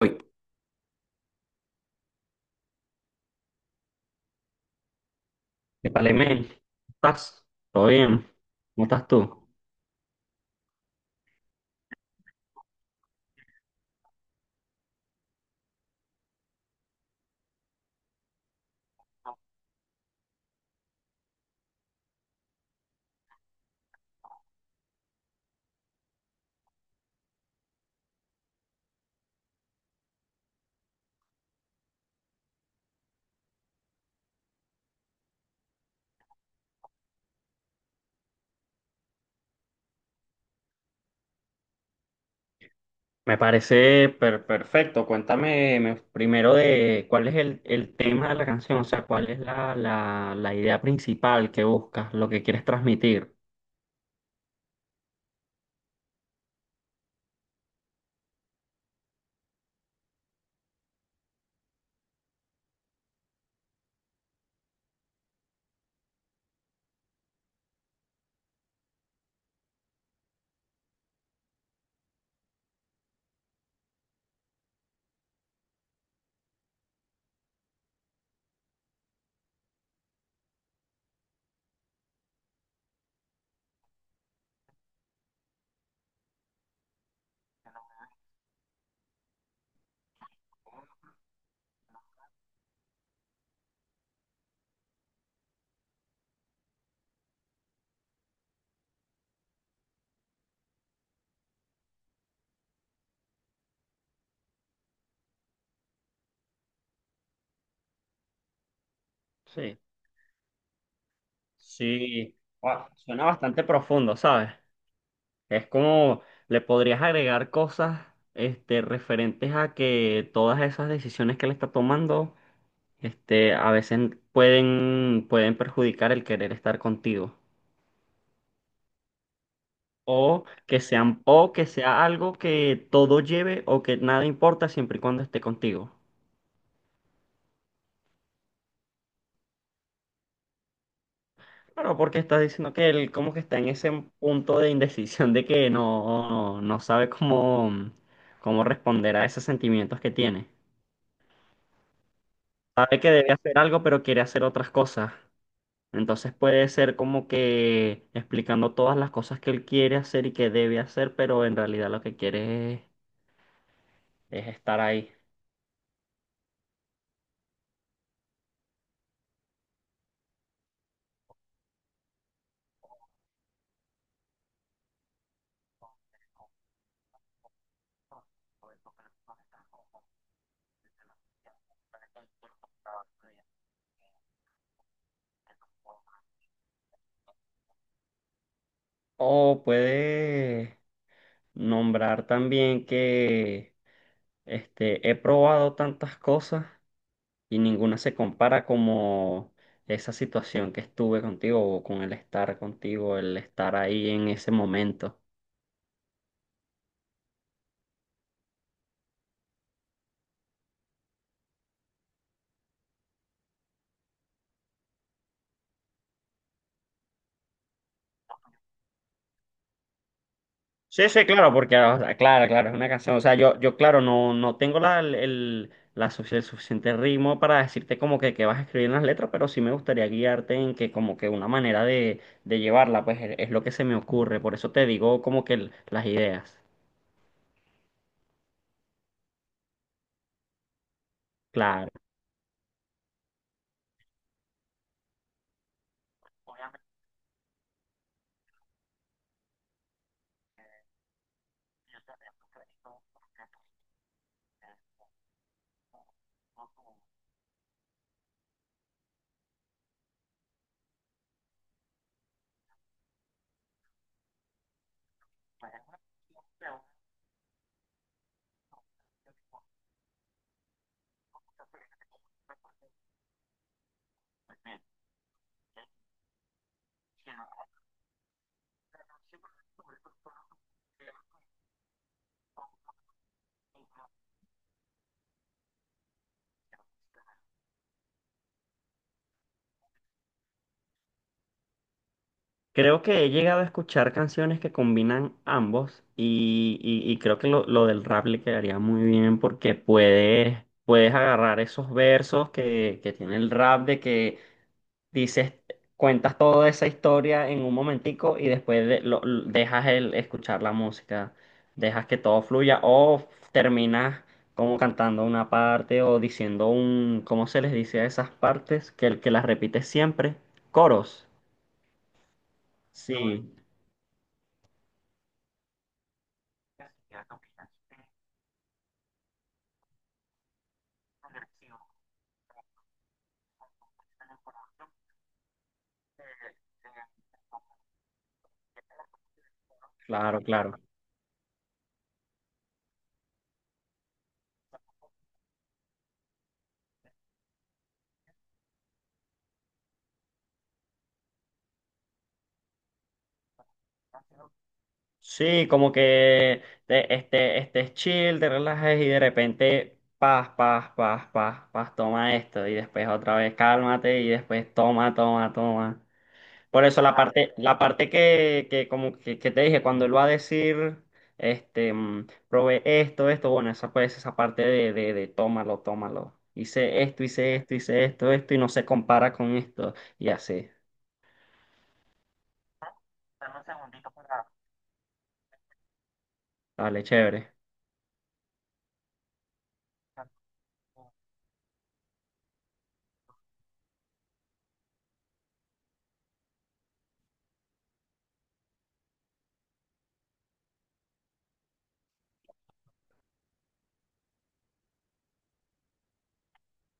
Uy, épale, men, ¿estás? ¿Todo bien? ¿Cómo estás tú? Me parece perfecto. Cuéntame primero de cuál es el tema de la canción, o sea, cuál es la idea principal que buscas, lo que quieres transmitir. Sí. Sí, guau, suena bastante profundo, ¿sabes? Es como le podrías agregar cosas este, referentes a que todas esas decisiones que él está tomando. Este, a veces pueden perjudicar el querer estar contigo. O que sean, o que sea algo que todo lleve o que nada importa siempre y cuando esté contigo. Claro, porque estás diciendo que él como que está en ese punto de indecisión de que no, no sabe cómo, cómo responder a esos sentimientos que tiene. Sabe que debe hacer algo, pero quiere hacer otras cosas. Entonces puede ser como que explicando todas las cosas que él quiere hacer y que debe hacer, pero en realidad lo que quiere es estar ahí. O puede nombrar también que este, he probado tantas cosas y ninguna se compara como esa situación que estuve contigo o con el estar contigo, el estar ahí en ese momento. Sí, sí, claro, porque, o sea, claro, claro, es una canción. O sea, yo claro, no, no tengo la, el- la sufic- el suficiente ritmo para decirte como que vas a escribir en las letras, pero sí me gustaría guiarte en que como que una manera de llevarla, pues es lo que se me ocurre. Por eso te digo como que las ideas. Claro. Creo que he llegado a escuchar canciones que combinan ambos y, y creo que lo del rap le quedaría muy bien porque puedes, puedes agarrar esos versos que tiene el rap de que dices, cuentas toda esa historia en un momentico y después dejas el escuchar la música, dejas que todo fluya o terminas como cantando una parte o diciendo un, ¿cómo se les dice a esas partes? Que las repites siempre, coros. Sí, claro, claro. Sí, como que te, este chill, te relajes y de repente paz, paz, paz, paz, paz, toma esto y después otra vez cálmate y después toma, toma, toma. Por eso la parte que como que te dije, cuando él va a decir, este, probé esto, esto, bueno, esa pues esa parte de tómalo, tómalo. Hice esto, hice esto, hice esto, esto y no se compara con esto y así. Dame un segundito para... Dale, chévere.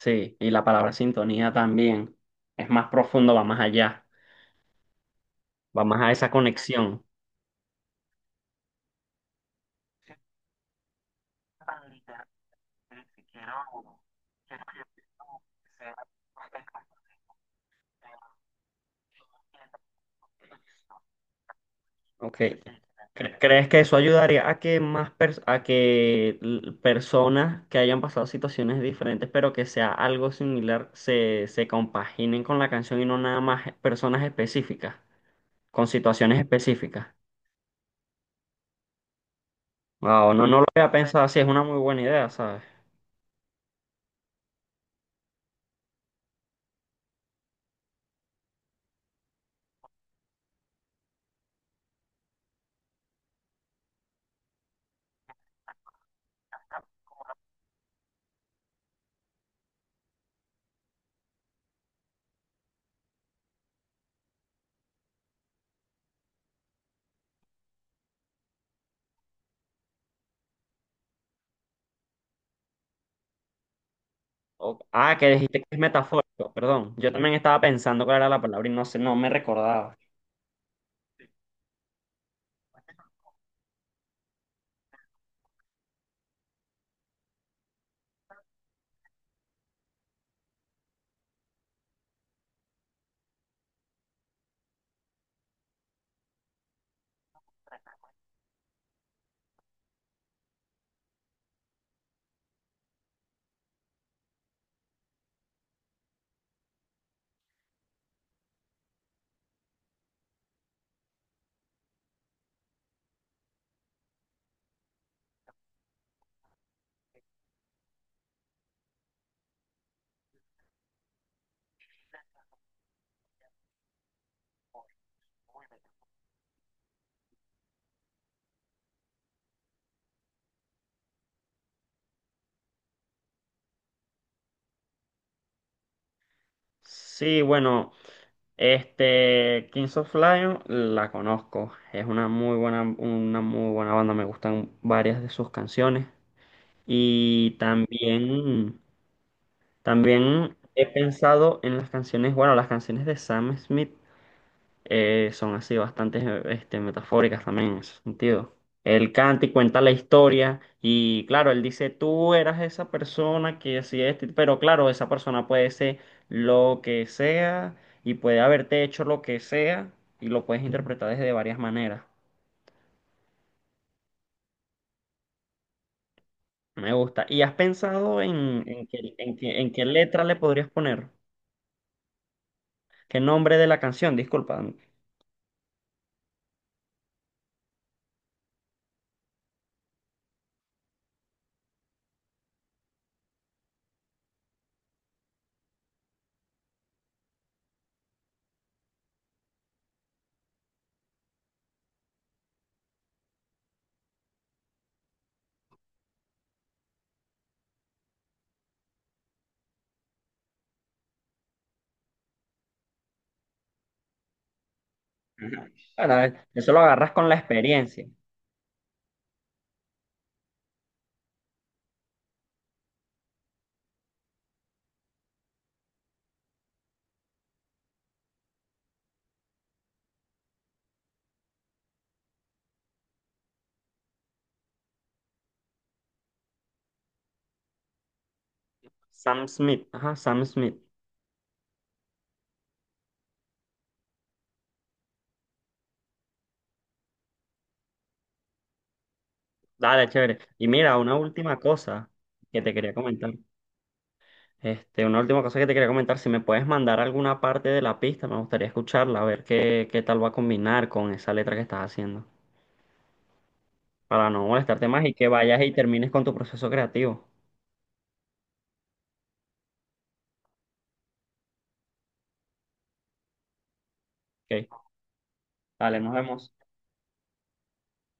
Sí, y la palabra sintonía también. Es más profundo, va más allá, va más a esa conexión. Tan literal que si quiero, quiero que sea bastante claro. Ok. ¿Crees que eso ayudaría a que más pers- a que l- personas que hayan pasado situaciones diferentes, pero que sea algo similar, se compaginen con la canción y no nada más personas específicas? Con situaciones específicas. Wow, no, no lo había pensado así, es una muy buena idea, ¿sabes? Ah, que dijiste que es metafórico, perdón. Yo también estaba pensando cuál era la palabra y no sé, no me recordaba. Sí, bueno, este, Kings of Lion la conozco. Es una muy buena banda, me gustan varias de sus canciones. Y también, también he pensado en las canciones, bueno, las canciones de Sam Smith. Eh, son así bastante este, metafóricas también en ese sentido. Él canta y cuenta la historia y claro, él dice, tú eras esa persona que hacía esto, pero claro, esa persona puede ser lo que sea y puede haberte hecho lo que sea y lo puedes interpretar desde varias maneras. Me gusta. ¿Y has pensado en qué, en qué letra le podrías poner? ¿Qué nombre de la canción? Disculpa. Ajá. Bueno, eso lo agarras con la experiencia. Sam Smith. Ajá, Sam Smith. Dale, chévere. Y mira, una última cosa que te quería comentar. Este, una última cosa que te quería comentar, si me puedes mandar alguna parte de la pista, me gustaría escucharla, a ver qué, qué tal va a combinar con esa letra que estás haciendo, para no molestarte más y que vayas y termines con tu proceso creativo. Ok, dale, nos vemos.